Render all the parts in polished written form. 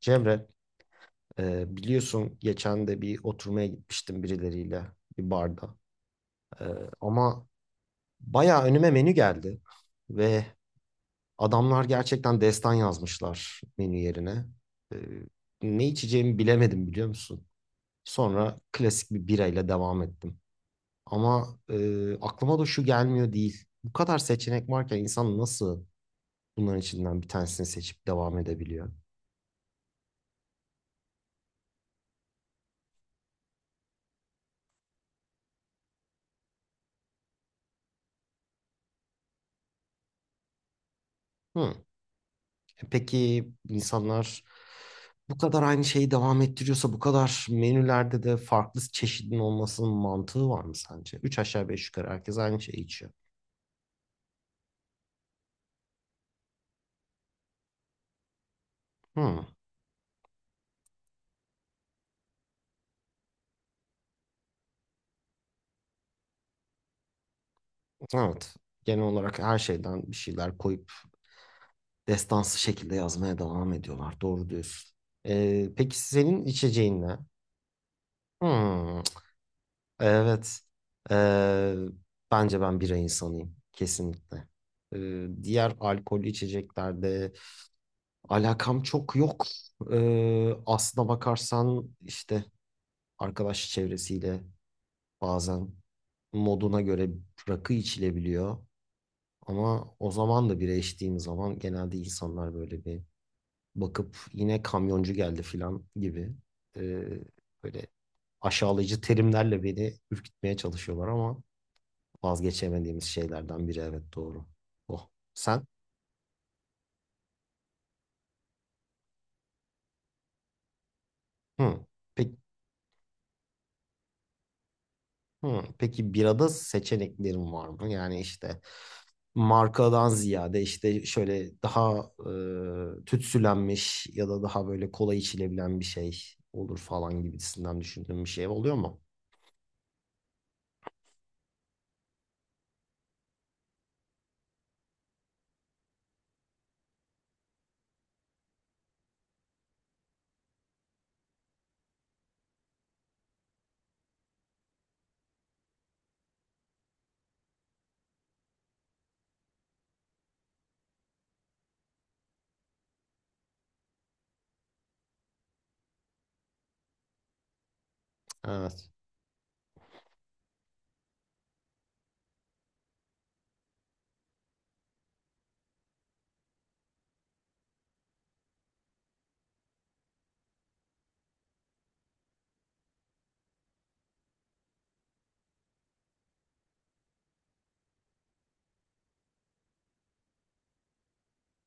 Cemre, biliyorsun geçen de bir oturmaya gitmiştim birileriyle bir barda. E, ama bayağı önüme menü geldi ve adamlar gerçekten destan yazmışlar menü yerine. E, Ne içeceğimi bilemedim biliyor musun? Sonra klasik bir birayla devam ettim. Ama aklıma da şu gelmiyor değil. Bu kadar seçenek varken insan nasıl bunların içinden bir tanesini seçip devam edebiliyor? Hı. Peki insanlar bu kadar aynı şeyi devam ettiriyorsa bu kadar menülerde de farklı çeşidin olmasının mantığı var mı sence? Üç aşağı beş yukarı herkes aynı şeyi içiyor. Hmm, evet. Genel olarak her şeyden bir şeyler koyup destansı şekilde yazmaya devam ediyorlar. Doğru diyorsun. Peki senin içeceğin ne? Hmm, evet. Ee, Bence ben bira insanıyım. Kesinlikle. Diğer alkollü içeceklerde alakam çok yok. Aslına bakarsan işte arkadaş çevresiyle bazen moduna göre rakı içilebiliyor. Ama o zaman da bira içtiğim zaman genelde insanlar böyle bir bakıp yine kamyoncu geldi filan gibi, ee, böyle aşağılayıcı terimlerle beni ürkütmeye çalışıyorlar ama vazgeçemediğimiz şeylerden biri, evet, doğru. Oh. Sen? Hı. Peki, hı, peki birada seçeneklerim var mı? Yani işte markadan ziyade işte şöyle daha tütsülenmiş ya da daha böyle kolay içilebilen bir şey olur falan gibisinden düşündüğüm bir şey oluyor mu? Evet.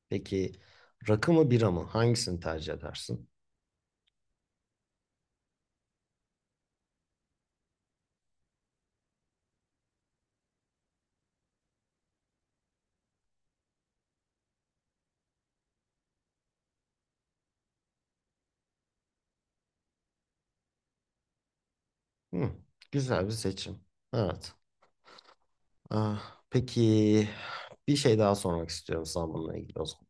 Peki rakı mı bira mı? Hangisini tercih edersin? Hı, güzel bir seçim. Evet. Ah, peki bir şey daha sormak istiyorum sana bununla ilgili o zaman.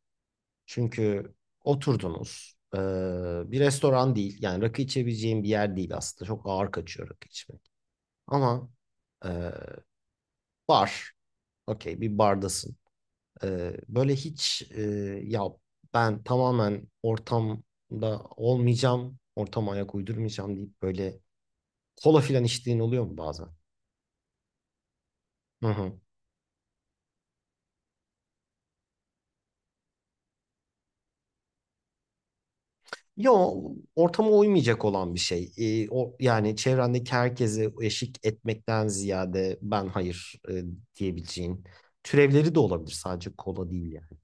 Çünkü oturdunuz. Bir restoran değil. Yani rakı içebileceğim bir yer değil aslında. Çok ağır kaçıyor rakı içmek. Ama e, bar. Okey, bir bardasın. Ee, böyle hiç e, ya, ben tamamen ortamda olmayacağım. Ortama ayak uydurmayacağım deyip böyle kola filan içtiğin oluyor mu bazen? Hı hı. Ya, o ortama uymayacak olan bir şey. O yani çevrendeki herkese eşik etmekten ziyade ben hayır diyebileceğin türevleri de olabilir, sadece kola değil yani.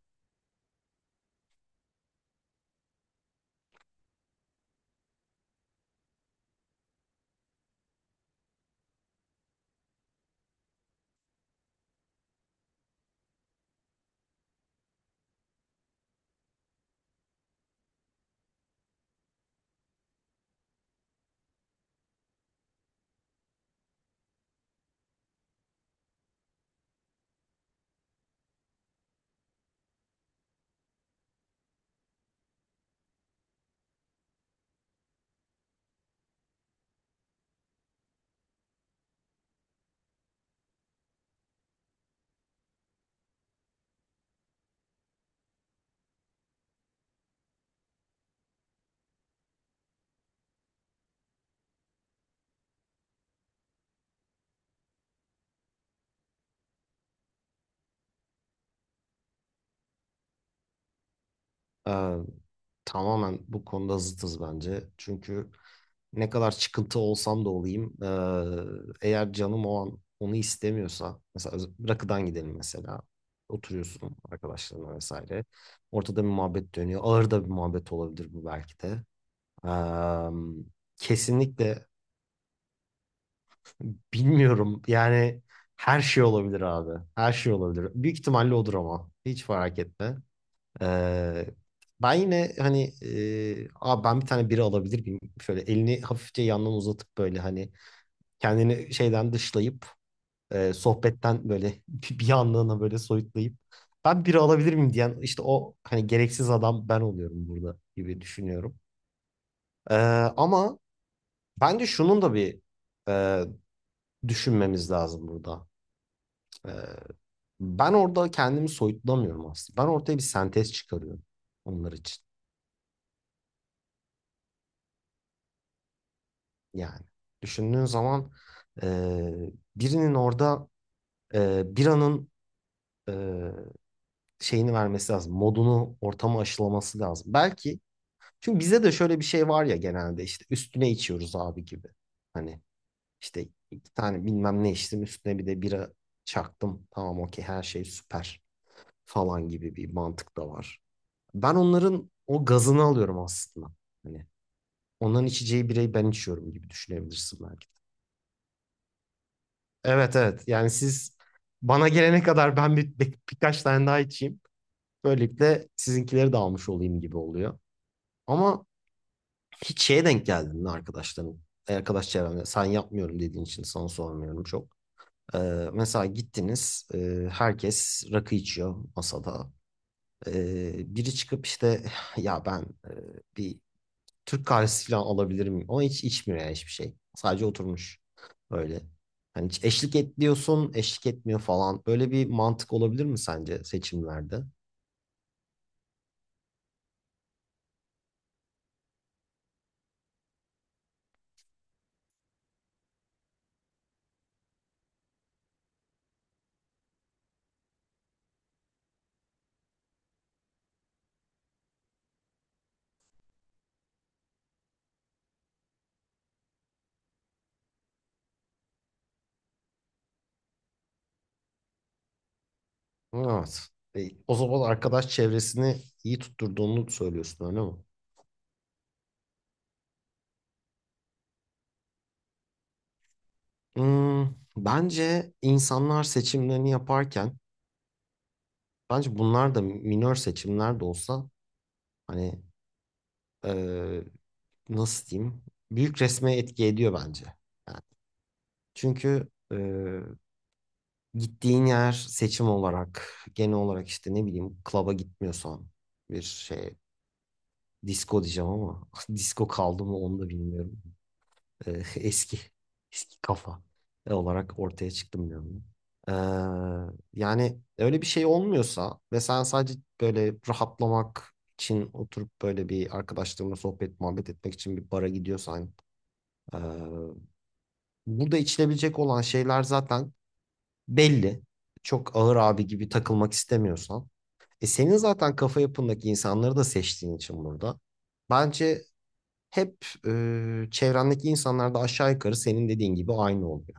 Ee, Tamamen bu konuda zıtız bence. Çünkü ne kadar çıkıntı olsam da olayım, eğer canım o an onu istemiyorsa, mesela rakıdan gidelim mesela, oturuyorsun arkadaşlarına vesaire, ortada bir muhabbet dönüyor, ağır da bir muhabbet olabilir bu belki de. Am, Kesinlikle bilmiyorum. Yani her şey olabilir abi. Her şey olabilir. Büyük ihtimalle odur ama. Hiç fark etme. Ee, Ben yine hani abi ben bir tane biri alabilir miyim? Şöyle elini hafifçe yandan uzatıp, böyle hani kendini şeyden dışlayıp, sohbetten böyle bir anlığına böyle soyutlayıp ben biri alabilir miyim diyen işte o hani gereksiz adam ben oluyorum burada gibi düşünüyorum. Ee, Ama bence şunun da bir, e, düşünmemiz lazım burada. Ee, Ben orada kendimi soyutlamıyorum aslında. Ben ortaya bir sentez çıkarıyorum onlar için. Yani düşündüğün zaman, e, birinin orada bir anın e, şeyini vermesi lazım. Modunu, ortamı aşılaması lazım. Belki, çünkü bize de şöyle bir şey var ya, genelde işte üstüne içiyoruz abi gibi. Hani işte iki tane bilmem ne içtim, üstüne bir de bira çaktım. Tamam, okey, her şey süper falan gibi bir mantık da var. Ben onların o gazını alıyorum aslında. Hani onların içeceği bireyi ben içiyorum gibi düşünebilirsin belki de. Evet, evet. Yani siz bana gelene kadar ben birkaç tane daha içeyim. Böylelikle sizinkileri de almış olayım gibi oluyor. Ama hiç şeye denk geldin mi arkadaşların? Arkadaş çevremde sen yapmıyorum dediğin için sana sormuyorum çok. Ee, Mesela gittiniz, herkes rakı içiyor masada. Biri çıkıp işte ya ben e, bir Türk kahvesi falan alabilir miyim? Ama hiç içmiyor, yani hiçbir şey. Sadece oturmuş öyle. Hani hiç eşlik et diyorsun, eşlik etmiyor falan. Böyle bir mantık olabilir mi sence seçimlerde? Evet. E, o zaman arkadaş çevresini iyi tutturduğunu söylüyorsun, öyle mi? Hmm, bence insanlar seçimlerini yaparken, bence bunlar da minör seçimler de olsa, hani, e, nasıl diyeyim, büyük resme etki ediyor bence. Yani çünkü, gittiğin yer seçim olarak genel olarak işte ne bileyim klaba gitmiyorsan, bir şey, disco diyeceğim ama disco kaldı mı onu da bilmiyorum. Ee, eski eski kafa olarak ortaya çıktım diyorum. Ee, Yani öyle bir şey olmuyorsa ve sen sadece böyle rahatlamak için oturup böyle bir arkadaşlarımla sohbet muhabbet etmek için bir bara gidiyorsan, ee, burada içilebilecek olan şeyler zaten belli, çok ağır abi gibi takılmak istemiyorsan. E, senin zaten kafa yapındaki insanları da seçtiğin için burada. Bence hep çevrendeki insanlar da aşağı yukarı senin dediğin gibi aynı oluyor.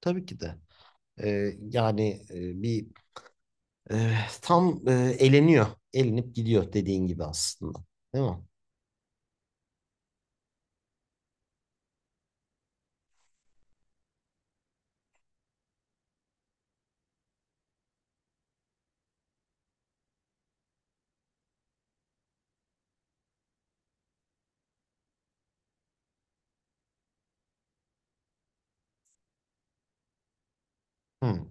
Tabii ki de. E, yani e, bir e, tam e, eleniyor. Elenip gidiyor dediğin gibi aslında. Değil mi? Hı.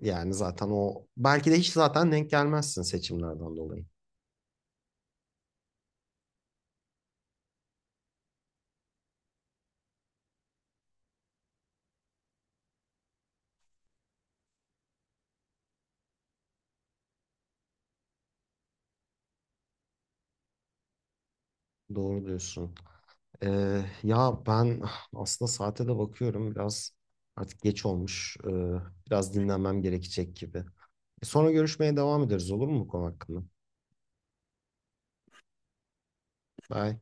Yani zaten o belki de hiç zaten denk gelmezsin seçimlerden dolayı. Doğru diyorsun. Ya ben, ah, aslında saate de bakıyorum biraz, artık geç olmuş. Biraz dinlenmem gerekecek gibi. E, sonra görüşmeye devam ederiz olur mu bu konu hakkında? Bye.